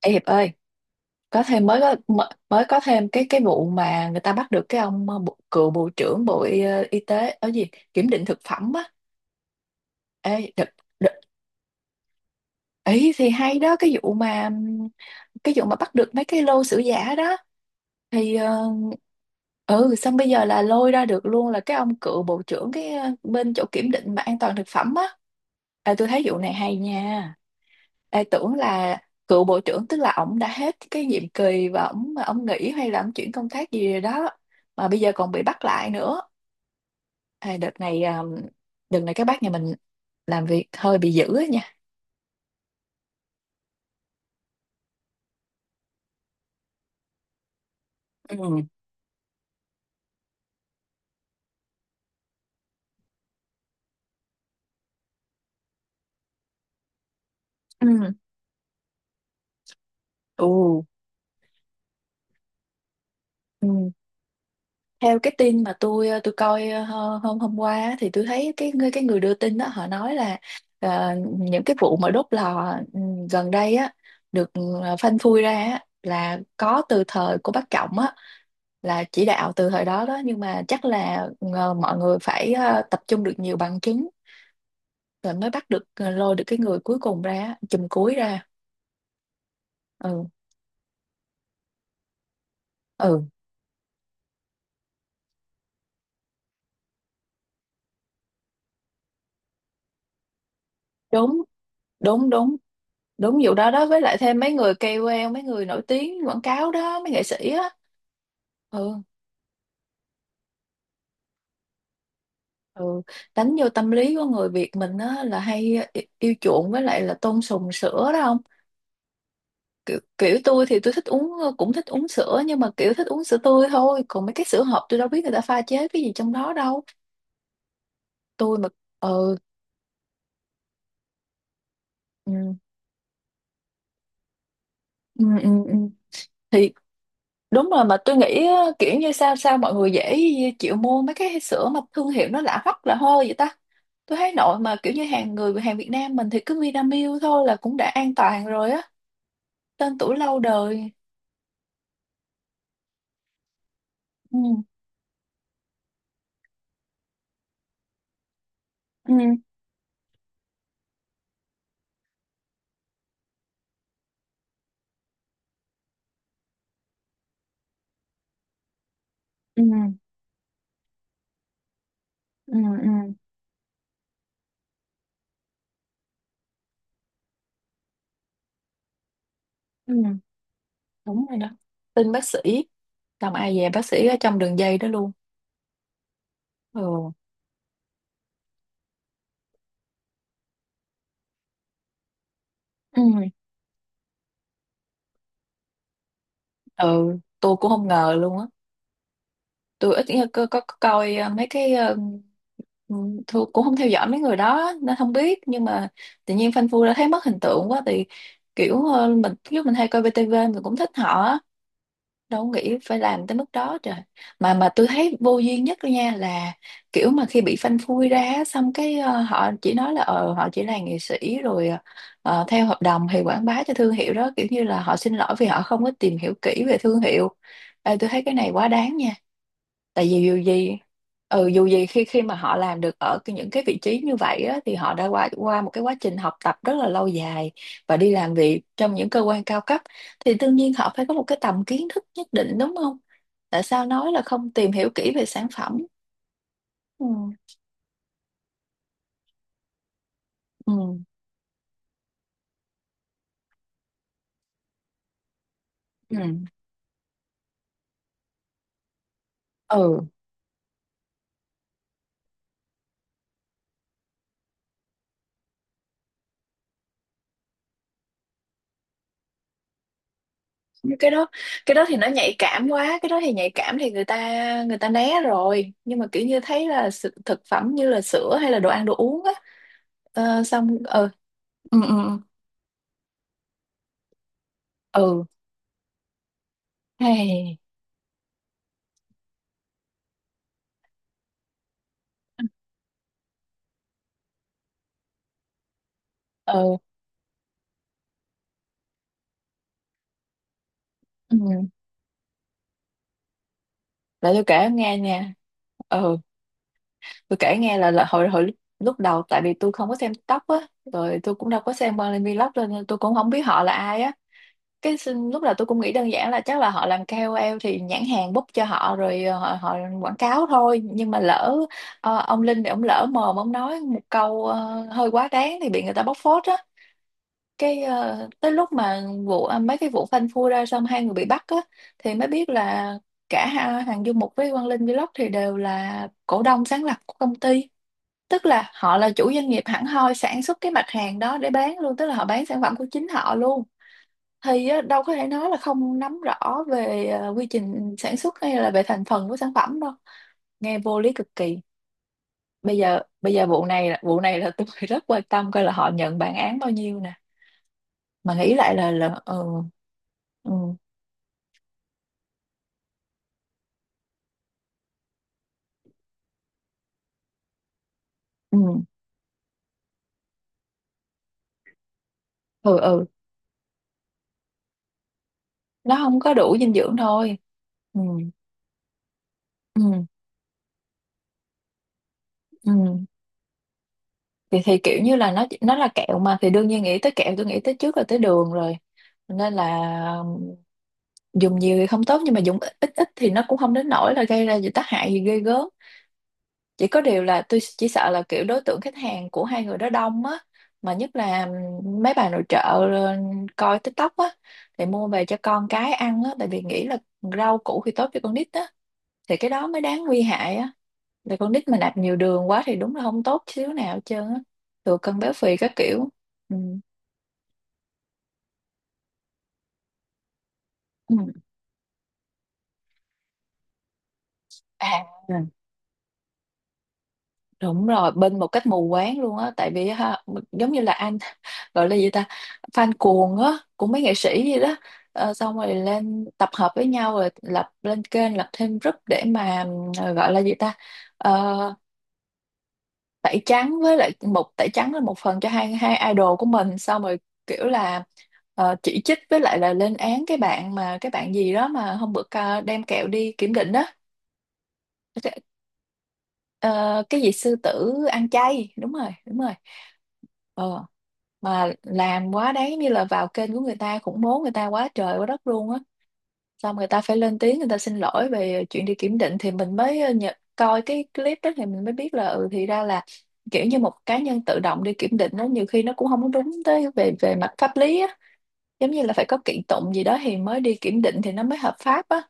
Ê Hiệp ơi, có thêm mới có mới mới có thêm cái vụ mà người ta bắt được cái ông cựu bộ trưởng Bộ Y, Y tế ở gì kiểm định thực phẩm á. Ê, đợt, đợt, ấy thì hay đó cái vụ mà bắt được mấy cái lô sữa giả đó thì ừ, xong bây giờ là lôi ra được luôn là cái ông cựu bộ trưởng cái bên chỗ kiểm định mà an toàn thực phẩm á. À, tôi thấy vụ này hay nha. Ê, tưởng là cựu bộ trưởng tức là ổng đã hết cái nhiệm kỳ và ổng nghỉ hay là ổng chuyển công tác gì rồi đó mà bây giờ còn bị bắt lại nữa. Ê, đợt này à, đợt này các bác nhà mình làm việc hơi bị dữ á nha. Ừ, ừ, ừ, ừ. Theo cái tin mà tôi coi à, hôm hôm qua á, thì tôi thấy cái người đưa tin đó họ nói là những cái vụ mà đốt lò gần đây á được phanh phui ra á, là có từ thời của bác Trọng á, là chỉ đạo từ thời đó đó. Nhưng mà chắc là mọi người phải tập trung được nhiều bằng chứng rồi mới bắt được, lôi được cái người cuối cùng ra, chùm cuối ra. Ừ, ừ. Đúng, đúng, đúng, đúng vụ đó đó, với lại thêm mấy người KOL, mấy người nổi tiếng quảng cáo đó, mấy nghệ sĩ á. Ừ, ừ, đánh vô tâm lý của người Việt mình á, là hay yêu chuộng với lại là tôn sùng sữa đó không. Kiểu tôi thì tôi thích uống, cũng thích uống sữa, nhưng mà kiểu thích uống sữa tươi thôi, còn mấy cái sữa hộp tôi đâu biết người ta pha chế cái gì trong đó đâu. Tôi mà ừ, ừ, ừ, ừ, ừ, thì đúng rồi. Mà tôi nghĩ á, kiểu như sao sao mọi người dễ chịu mua mấy cái sữa mà thương hiệu nó lạ hoắc lạ hôi vậy ta. Tôi thấy nội mà kiểu như hàng Việt Nam mình thì cứ Vinamilk thôi là cũng đã an toàn rồi á, tên tuổi lâu đời. Ừ, ừ, ừ, ừ, ừ, ừ. Đúng rồi đó, tin bác sĩ, xong ai về bác sĩ ở trong đường dây đó luôn. Ừ, ừ, ừ, tôi cũng không ngờ luôn á. Tôi ít có coi mấy cái Ừ, Thu cũng không theo dõi mấy người đó nên không biết, nhưng mà tự nhiên Phanh Phui đã thấy mất hình tượng quá, thì kiểu mình lúc mình hay coi VTV mình cũng thích họ á. Đâu có nghĩ phải làm tới mức đó trời. Mà tôi thấy vô duyên nhất đó nha, là kiểu mà khi bị Phanh Phui ra á, xong cái họ chỉ nói là ờ họ chỉ là nghệ sĩ rồi theo hợp đồng thì quảng bá cho thương hiệu đó, kiểu như là họ xin lỗi vì họ không có tìm hiểu kỹ về thương hiệu. Ê, tôi thấy cái này quá đáng nha. Tại vì dù gì, ừ, dù gì khi khi mà họ làm được ở những cái vị trí như vậy á, thì họ đã qua qua một cái quá trình học tập rất là lâu dài và đi làm việc trong những cơ quan cao cấp, thì đương nhiên họ phải có một cái tầm kiến thức nhất định đúng không. Tại sao nói là không tìm hiểu kỹ về sản phẩm. Ừ, ừ, ừ, ừ. Nhưng cái đó, cái đó thì nó nhạy cảm quá, cái đó thì nhạy cảm thì người ta, người ta né rồi, nhưng mà kiểu như thấy là thực phẩm như là sữa hay là đồ ăn đồ uống á. Ờ, xong ờ ừ, ừ, ừ. Hey, ừ, ừ. Để tôi kể em nghe nha. Ừ, tôi kể nghe là hồi hồi lúc lúc đầu tại vì tôi không có xem TikTok á, rồi tôi cũng đâu có xem Marley Vlog cho nên là tôi cũng không biết họ là ai á. Lúc đầu tôi cũng nghĩ đơn giản là chắc là họ làm KOL thì nhãn hàng book cho họ rồi họ quảng cáo thôi. Nhưng mà lỡ ông Linh thì ông lỡ mồm ông nói một câu hơi quá đáng thì bị người ta bóc phốt. Cái tới lúc mà mấy cái vụ phanh phui ra xong hai người bị bắt á, thì mới biết là cả Hằng Du Mục với Quang Linh Vlog thì đều là cổ đông sáng lập của công ty, tức là họ là chủ doanh nghiệp hẳn hoi sản xuất cái mặt hàng đó để bán luôn, tức là họ bán sản phẩm của chính họ luôn. Thì á, đâu có thể nói là không nắm rõ về quy trình sản xuất hay là về thành phần của sản phẩm đâu, nghe vô lý cực kỳ. Bây giờ vụ này là tôi rất quan tâm coi là họ nhận bản án bao nhiêu nè. Mà nghĩ lại là ừ, ừ, ừ, ừ, ừ. Nó không có đủ dinh dưỡng thôi. Ừ, ừ, ừ, thì kiểu như là nó là kẹo mà, thì đương nhiên nghĩ tới kẹo tôi nghĩ tới trước là tới đường rồi, nên là dùng nhiều thì không tốt, nhưng mà dùng ít ít ít thì nó cũng không đến nỗi là gây ra gì tác hại gì ghê gớm. Chỉ có điều là tôi chỉ sợ là kiểu đối tượng khách hàng của hai người đó đông á, mà nhất là mấy bà nội trợ coi TikTok á thì mua về cho con cái ăn á, tại vì nghĩ là rau củ thì tốt cho con nít á, thì cái đó mới đáng nguy hại á. Là con nít mà nạp nhiều đường quá thì đúng là không tốt xíu nào hết trơn á, thừa cân béo phì các kiểu. Ừ. Ừ. À, đúng rồi, bên một cách mù quáng luôn á. Tại vì ha, giống như là anh gọi là gì ta, fan cuồng á của mấy nghệ sĩ gì đó. Ờ, xong rồi lên tập hợp với nhau rồi lập lên kênh lập thêm group để mà gọi là gì ta. Ờ, tẩy trắng với lại một tẩy trắng là một phần cho hai hai idol của mình, xong rồi kiểu là chỉ trích với lại là lên án cái bạn gì đó mà hôm bữa đem kẹo đi kiểm định đó. Ờ, cái gì sư tử ăn chay, đúng rồi đúng rồi. Ờ, mà làm quá đáng, giống như là vào kênh của người ta khủng bố người ta quá trời quá đất luôn á, xong người ta phải lên tiếng người ta xin lỗi về chuyện đi kiểm định, thì mình mới coi cái clip đó thì mình mới biết là ừ thì ra là kiểu như một cá nhân tự động đi kiểm định đó nhiều khi nó cũng không có đúng tới về về mặt pháp lý á, giống như là phải có kiện tụng gì đó thì mới đi kiểm định thì nó mới hợp pháp á.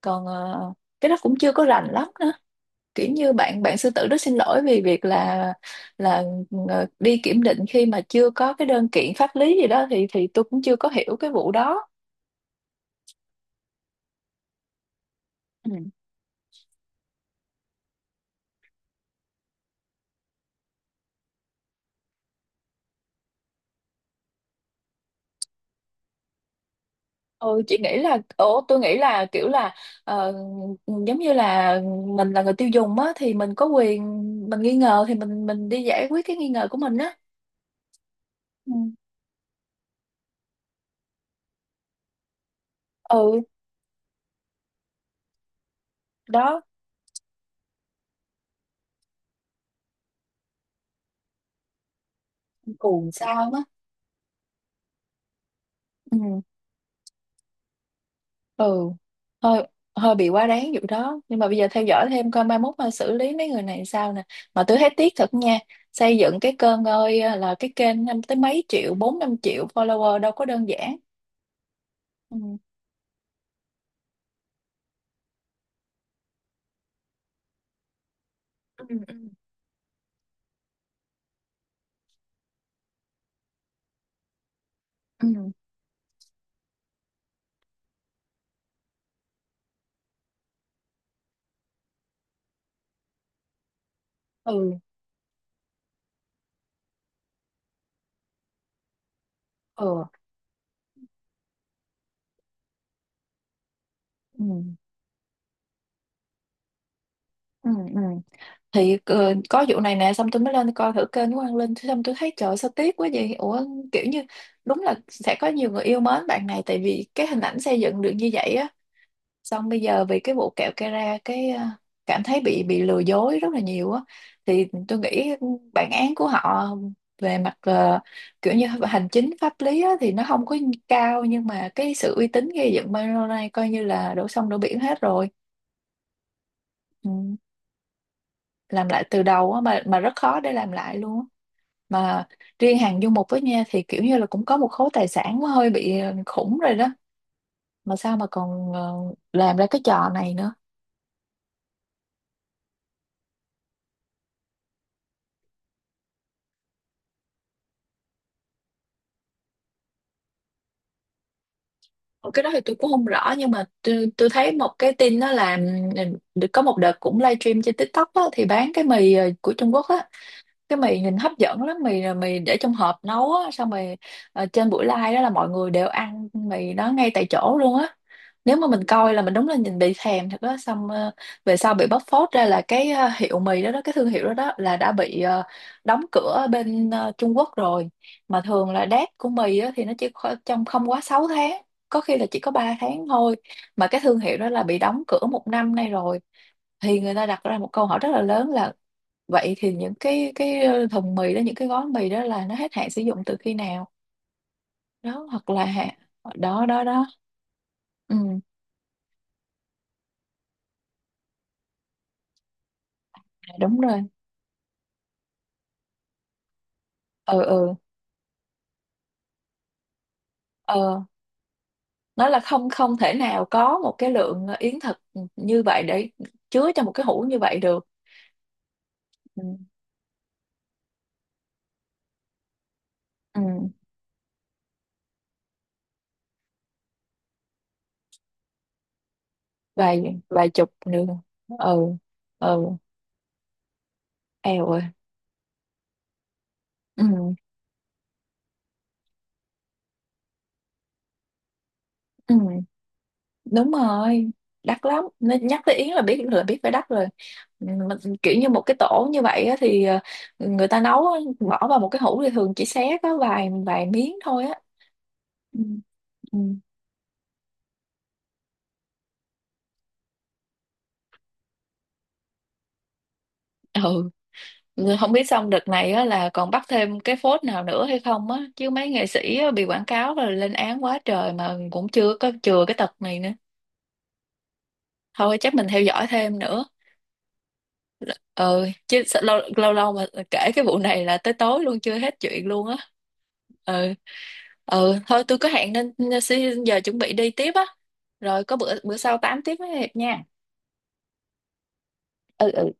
Còn cái đó cũng chưa có rành lắm, kiểu như bạn bạn sư tử rất xin lỗi vì việc là đi kiểm định khi mà chưa có cái đơn kiện pháp lý gì đó, thì tôi cũng chưa có hiểu cái vụ đó. Ừ. Ừ, chị nghĩ là ồ tôi nghĩ là kiểu là ờ, giống như là mình là người tiêu dùng á thì mình có quyền, mình nghi ngờ thì mình đi giải quyết cái nghi ngờ của mình á. Ừ. Ừ, đó, cuồng sao á. Ừ, ừ, hơi, hơi bị quá đáng vụ đó, nhưng mà bây giờ theo dõi thêm coi mai mốt mà xử lý mấy người này sao nè. Mà tôi thấy tiếc thật nha, xây dựng cái kênh, ơi là cái kênh năm tới mấy triệu bốn năm triệu follower đâu có đơn giản. Ừ, ừ, ừ, ừ, ừ, ừ, ừ, ừ, ừ. Thì có vụ này nè, xong tôi mới lên coi thử kênh của Quang Linh, xong tôi thấy trời sao tiếc quá vậy ủa, kiểu như đúng là sẽ có nhiều người yêu mến bạn này tại vì cái hình ảnh xây dựng được như vậy á, xong bây giờ vì cái vụ kẹo Kera cái cảm thấy bị lừa dối rất là nhiều á. Thì tôi nghĩ bản án của họ về mặt kiểu như hành chính pháp lý á, thì nó không có cao, nhưng mà cái sự uy tín gây dựng Milo này coi như là đổ sông đổ biển hết rồi. Ừ. Làm lại từ đầu á, mà rất khó để làm lại luôn á. Mà riêng hàng du mục với nha, thì kiểu như là cũng có một khối tài sản nó hơi bị khủng rồi đó, mà sao mà còn làm ra cái trò này nữa. Ờ, cái đó thì tôi cũng không rõ, nhưng mà tôi thấy một cái tin đó là ừ, có một đợt cũng livestream trên TikTok á, thì bán cái mì của Trung Quốc á, cái mì nhìn hấp dẫn lắm, mì là mì để trong hộp nấu á, xong rồi trên buổi live đó là mọi người đều ăn mì đó ngay tại chỗ luôn á. Nếu mà mình coi là mình đúng là nhìn bị thèm thật đó, xong về sau bị bóc phốt ra là cái hiệu mì đó đó cái thương hiệu đó đó là đã bị đóng cửa ở bên Trung Quốc rồi. Mà thường là date của mì á, thì nó chỉ trong không quá 6 tháng, có khi là chỉ có 3 tháng thôi. Mà cái thương hiệu đó là bị đóng cửa một năm nay rồi, thì người ta đặt ra một câu hỏi rất là lớn là vậy thì những cái thùng mì đó, những cái gói mì đó là nó hết hạn sử dụng từ khi nào đó, hoặc là đó đó đó. Ừ, dạ, đúng rồi. Ừ, ừ, ờ, nó là không, không thể nào có một cái lượng yến thật như vậy để chứa cho một cái hũ như vậy được. Ừ, ừ. vài vài chục nữa. Ừ, ừ, eo ơi. Ừ. Ừ, đúng rồi, đắt lắm, nên nhắc tới Yến là biết, là biết phải đắt rồi. Ừ, mà kiểu như một cái tổ như vậy á, thì người ta nấu á, bỏ vào một cái hũ thì thường chỉ xé có vài vài miếng thôi á. Ừ, ừ. Ừ. Rồi không biết xong đợt này á, là còn bắt thêm cái phốt nào nữa hay không á, chứ mấy nghệ sĩ á, bị quảng cáo rồi lên án quá trời mà cũng chưa có chừa cái tật này nữa. Thôi chắc mình theo dõi thêm nữa. Ừ, chứ sao, lâu lâu lâu mà kể cái vụ này là tới tối luôn chưa hết chuyện luôn á. Ừ, ừ, thôi tôi có hẹn nên, nên xin giờ chuẩn bị đi tiếp á. Rồi có bữa bữa sau tám tiếp với Hiệp nha. Ừ, ừ.